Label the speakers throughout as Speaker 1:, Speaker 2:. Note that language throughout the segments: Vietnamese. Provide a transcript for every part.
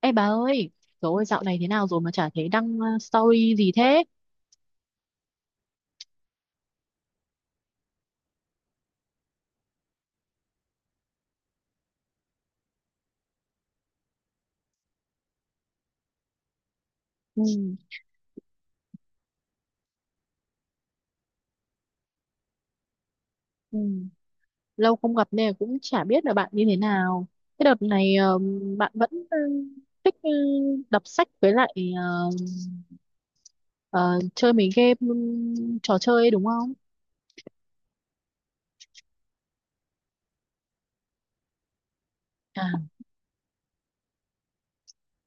Speaker 1: Ê bà ơi, trời ơi dạo này thế nào rồi mà chả thấy đăng story gì thế? Ừ, ừ. Lâu không gặp nên là cũng chả biết là bạn như thế nào. Cái đợt này bạn vẫn thích đọc sách với lại ờ, chơi mấy game, ừ, trò chơi ấy, đúng không? À,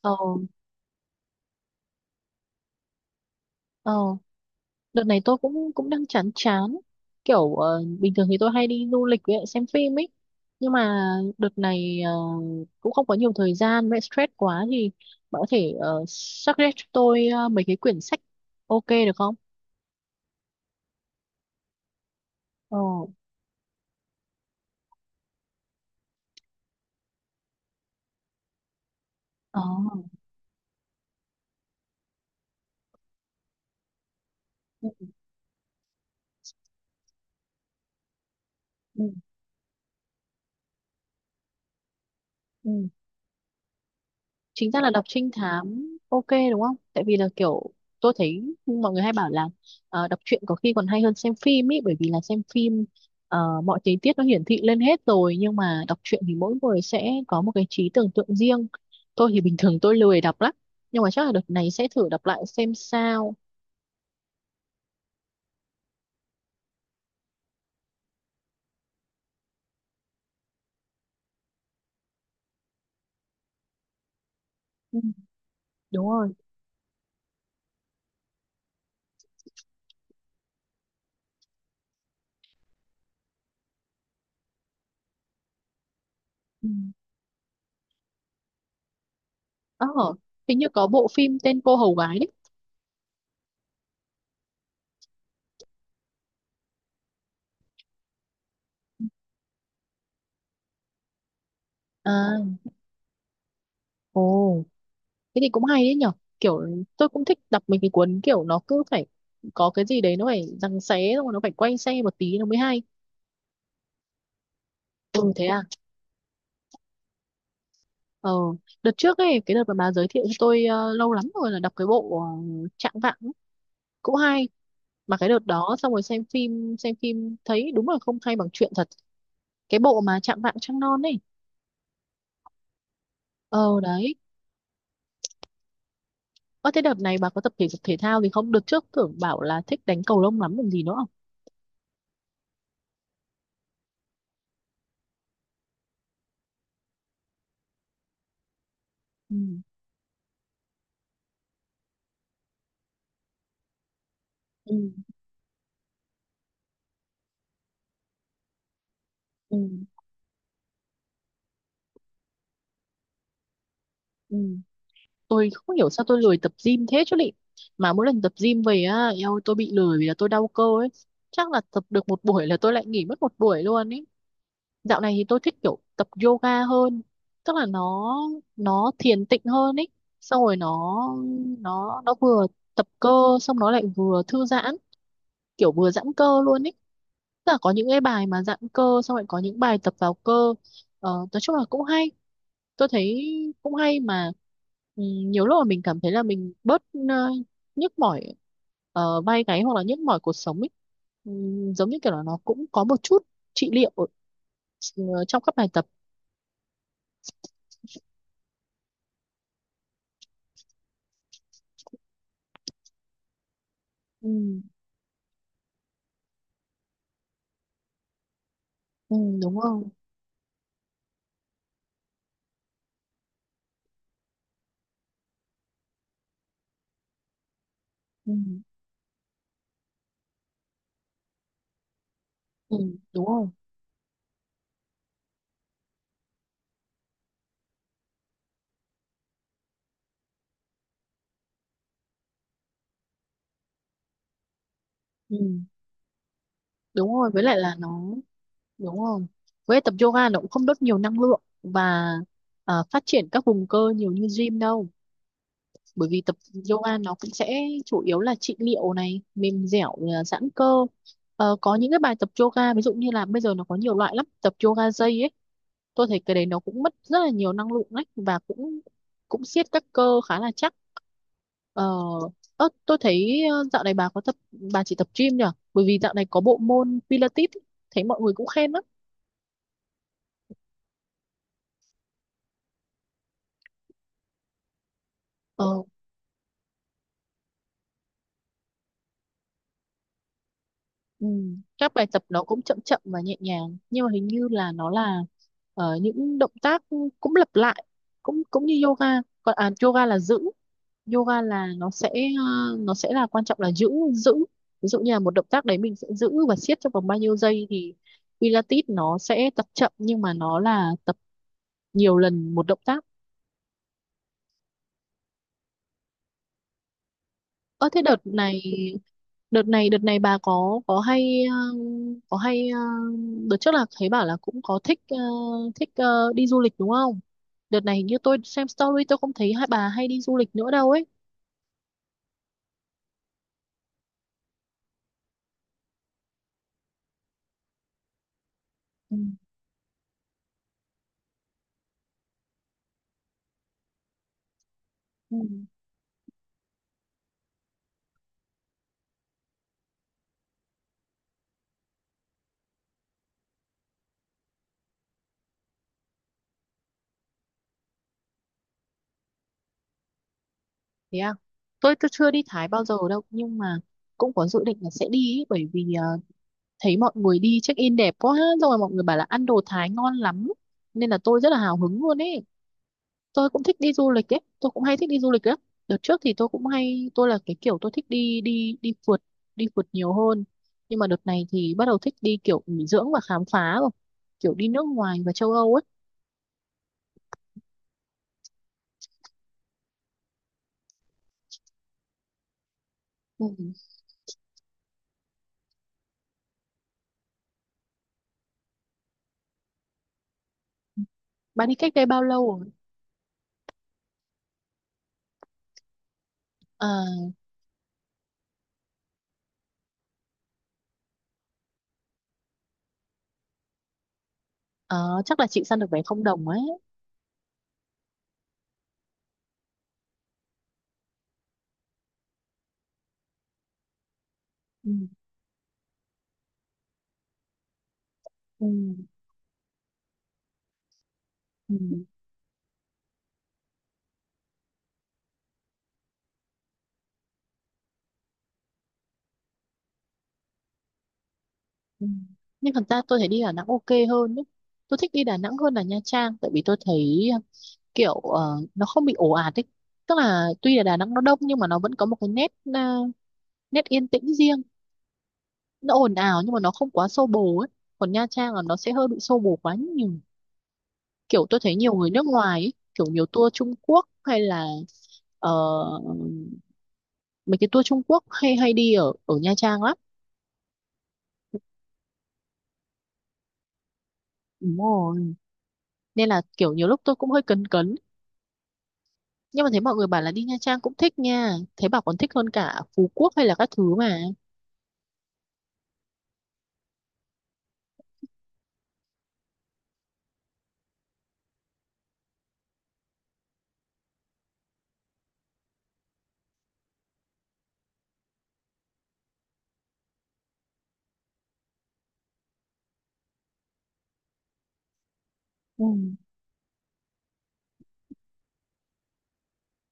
Speaker 1: ờ, ờ. Đợt này tôi cũng cũng đang chán chán, kiểu bình thường thì tôi hay đi du lịch với lại xem phim ấy, nhưng mà đợt này cũng không có nhiều thời gian với lại stress quá thì bạn có thể suggest cho tôi mấy cái quyển sách ok được không? Ồ, ờ, ừ, ừ, ừ. Chính ra là đọc trinh thám ok đúng không, tại vì là kiểu tôi thấy mọi người hay bảo là đọc truyện có khi còn hay hơn xem phim ý, bởi vì là xem phim mọi tình tiết nó hiển thị lên hết rồi, nhưng mà đọc truyện thì mỗi người sẽ có một cái trí tưởng tượng riêng. Tôi thì bình thường tôi lười đọc lắm, nhưng mà chắc là đợt này sẽ thử đọc lại xem sao. Ừ, đúng rồi. Ừ. ờ Hình như có bộ phim tên cô hầu gái đấy. À, ồ thế thì cũng hay đấy nhở, kiểu tôi cũng thích đọc mấy cái cuốn kiểu nó cứ phải có cái gì đấy nó phải giằng xé xong rồi nó phải quay xe một tí nó mới hay. Ừ thế à. ờ Đợt trước ấy, cái đợt mà bà giới thiệu cho tôi lâu lắm rồi, là đọc cái bộ Trạng Vạng ấy, cũng hay. Mà cái đợt đó xong rồi xem phim thấy đúng là không hay bằng truyện thật. Cái bộ mà Trạng Vạng Trăng Non ấy, ờ đấy. Ơ thế đợt này bà có tập thể dục thể thao gì không? Đợt trước tưởng bảo là thích đánh cầu lông lắm, còn gì nữa không? Ừ, ừ, ừ. Tôi không hiểu sao tôi lười tập gym thế chứ lị, mà mỗi lần tập gym về á eo, tôi bị lười vì là tôi đau cơ ấy, chắc là tập được một buổi là tôi lại nghỉ mất một buổi luôn ấy. Dạo này thì tôi thích kiểu tập yoga hơn, tức là nó thiền tịnh hơn ấy, xong rồi nó vừa tập cơ xong nó lại vừa thư giãn, kiểu vừa giãn cơ luôn ấy, tức là có những cái bài mà giãn cơ xong lại có những bài tập vào cơ. Nói chung là cũng hay, tôi thấy cũng hay mà. Ừ, nhiều lúc mà mình cảm thấy là mình bớt ờ, nhức mỏi vai gáy, hoặc là nhức mỏi cuộc sống ấy, ừ, giống như kiểu là nó cũng có một chút trị liệu trong các bài tập. Ừ, ừ, đúng không. Ừ, ừ, đúng không. Ừ, đúng rồi, với lại là nó đúng không, với lại tập yoga nó cũng không đốt nhiều năng lượng và phát triển các vùng cơ nhiều như gym đâu, bởi vì tập yoga nó cũng sẽ chủ yếu là trị liệu này, mềm dẻo à, giãn cơ. Ờ, có những cái bài tập yoga ví dụ như là bây giờ nó có nhiều loại lắm, tập yoga dây ấy, tôi thấy cái đấy nó cũng mất rất là nhiều năng lượng đấy và cũng cũng siết các cơ khá là chắc. Ờ, ơ, tôi thấy dạo này bà có tập, bà chỉ tập gym nhỉ, bởi vì dạo này có bộ môn Pilates ấy, thấy mọi người cũng khen lắm. Ờ. Ừ. Các bài tập nó cũng chậm chậm và nhẹ nhàng, nhưng mà hình như là nó là những động tác cũng lặp lại, cũng cũng như yoga. Còn à, yoga là giữ, yoga là nó sẽ ờ, nó sẽ là quan trọng là giữ giữ, ví dụ như là một động tác đấy mình sẽ giữ và siết trong vòng bao nhiêu giây, thì Pilates nó sẽ tập chậm nhưng mà nó là tập nhiều lần một động tác. Ơ thế đợt này bà có hay có hay đợt trước là thấy bảo là cũng có thích thích đi du lịch đúng không? Đợt này hình như tôi xem story, tôi không thấy hai bà hay đi du lịch nữa đâu ấy. Ừ. Ừ. Thế à? Tôi chưa đi Thái bao giờ đâu, nhưng mà cũng có dự định là sẽ đi ấy, bởi vì thấy mọi người đi check in đẹp quá, xong rồi mọi người bảo là ăn đồ Thái ngon lắm, nên là tôi rất là hào hứng luôn ấy. Tôi cũng thích đi du lịch ấy, tôi cũng hay thích đi du lịch lắm. Đợt trước thì tôi cũng hay, tôi là cái kiểu tôi thích đi đi đi phượt, đi phượt nhiều hơn, nhưng mà đợt này thì bắt đầu thích đi kiểu nghỉ dưỡng và khám phá rồi, kiểu đi nước ngoài và châu Âu ấy. Ừ. Bạn đi cách đây bao lâu rồi? À, à, chắc là chị săn được vé không đồng ấy. Ừ. Ừ. Ừ. Ừ. Nhưng thật ra tôi thấy đi Đà Nẵng ok hơn ấy. Tôi thích đi Đà Nẵng hơn là Nha Trang, tại vì tôi thấy à, kiểu nó không bị ồ ạt ấy, tức là tuy là Đà Nẵng nó đông nhưng mà nó vẫn có một cái nét à, nét yên tĩnh riêng, nó ồn ào nhưng mà nó không quá xô bồ ấy. Còn Nha Trang là nó sẽ hơi bị xô bồ quá nhiều, kiểu tôi thấy nhiều người nước ngoài ấy, kiểu nhiều tour Trung Quốc hay là ờ, mấy cái tour Trung Quốc hay hay đi ở ở Nha Trang lắm, đúng rồi. Nên là kiểu nhiều lúc tôi cũng hơi cấn cấn, nhưng mà thấy mọi người bảo là đi Nha Trang cũng thích nha, thấy bảo còn thích hơn cả Phú Quốc hay là các thứ mà. Ừ.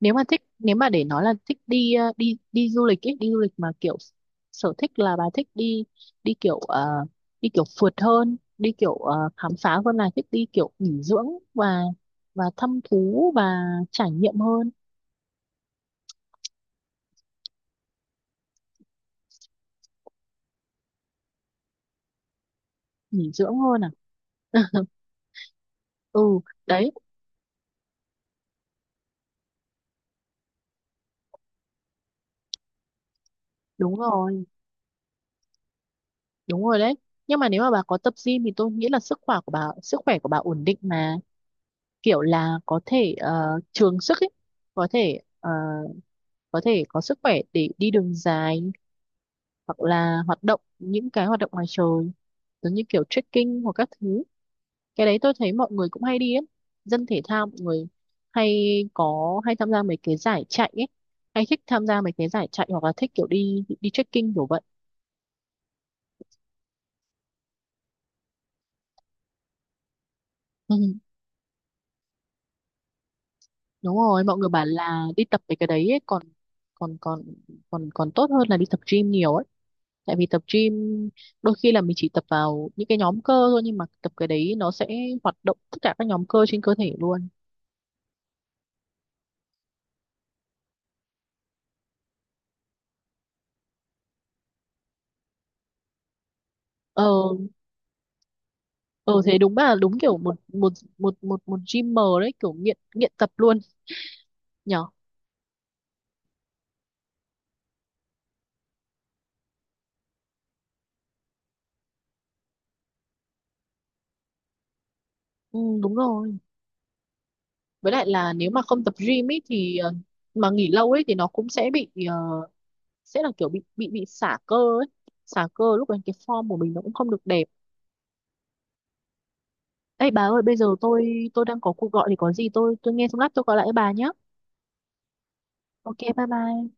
Speaker 1: Nếu mà thích, nếu mà để nói là thích đi đi đi du lịch ấy, đi du lịch mà kiểu sở thích là bà thích đi đi kiểu đi kiểu phượt hơn, đi kiểu khám phá, hơn là thích đi kiểu nghỉ dưỡng và thăm thú và trải nghiệm hơn. Nghỉ dưỡng hơn à? Ừ đấy. Đúng rồi, đúng rồi đấy, nhưng mà nếu mà bà có tập gym thì tôi nghĩ là sức khỏe của bà ổn định mà, kiểu là có thể trường sức ấy, có thể ờ, có thể có sức khỏe để đi đường dài, hoặc là hoạt động những cái hoạt động ngoài trời giống như kiểu trekking hoặc các thứ. Cái đấy tôi thấy mọi người cũng hay đi ấy, dân thể thao mọi người hay, có hay tham gia mấy cái giải chạy ấy, hay thích tham gia mấy cái giải chạy hoặc là thích kiểu đi đi trekking kiểu vậy. Ừ. Đúng rồi, mọi người bảo là đi tập mấy cái đấy ấy, còn còn còn còn còn tốt hơn là đi tập gym nhiều ấy, tại vì tập gym đôi khi là mình chỉ tập vào những cái nhóm cơ thôi, nhưng mà tập cái đấy nó sẽ hoạt động tất cả các nhóm cơ trên cơ thể luôn. ờ ờ Thế đúng là đúng kiểu một một một một một gymer đấy, kiểu nghiện nghiện tập luôn nhở. Ừ, đúng rồi, với lại là nếu mà không tập gym ấy thì mà nghỉ lâu ấy thì nó cũng sẽ bị sẽ là kiểu bị xả cơ ấy, xả cơ lúc đấy cái form của mình nó cũng không được đẹp. Ê bà ơi, bây giờ tôi đang có cuộc gọi, thì có gì tôi nghe xong lát tôi gọi lại bà nhé. Ok, bye bye.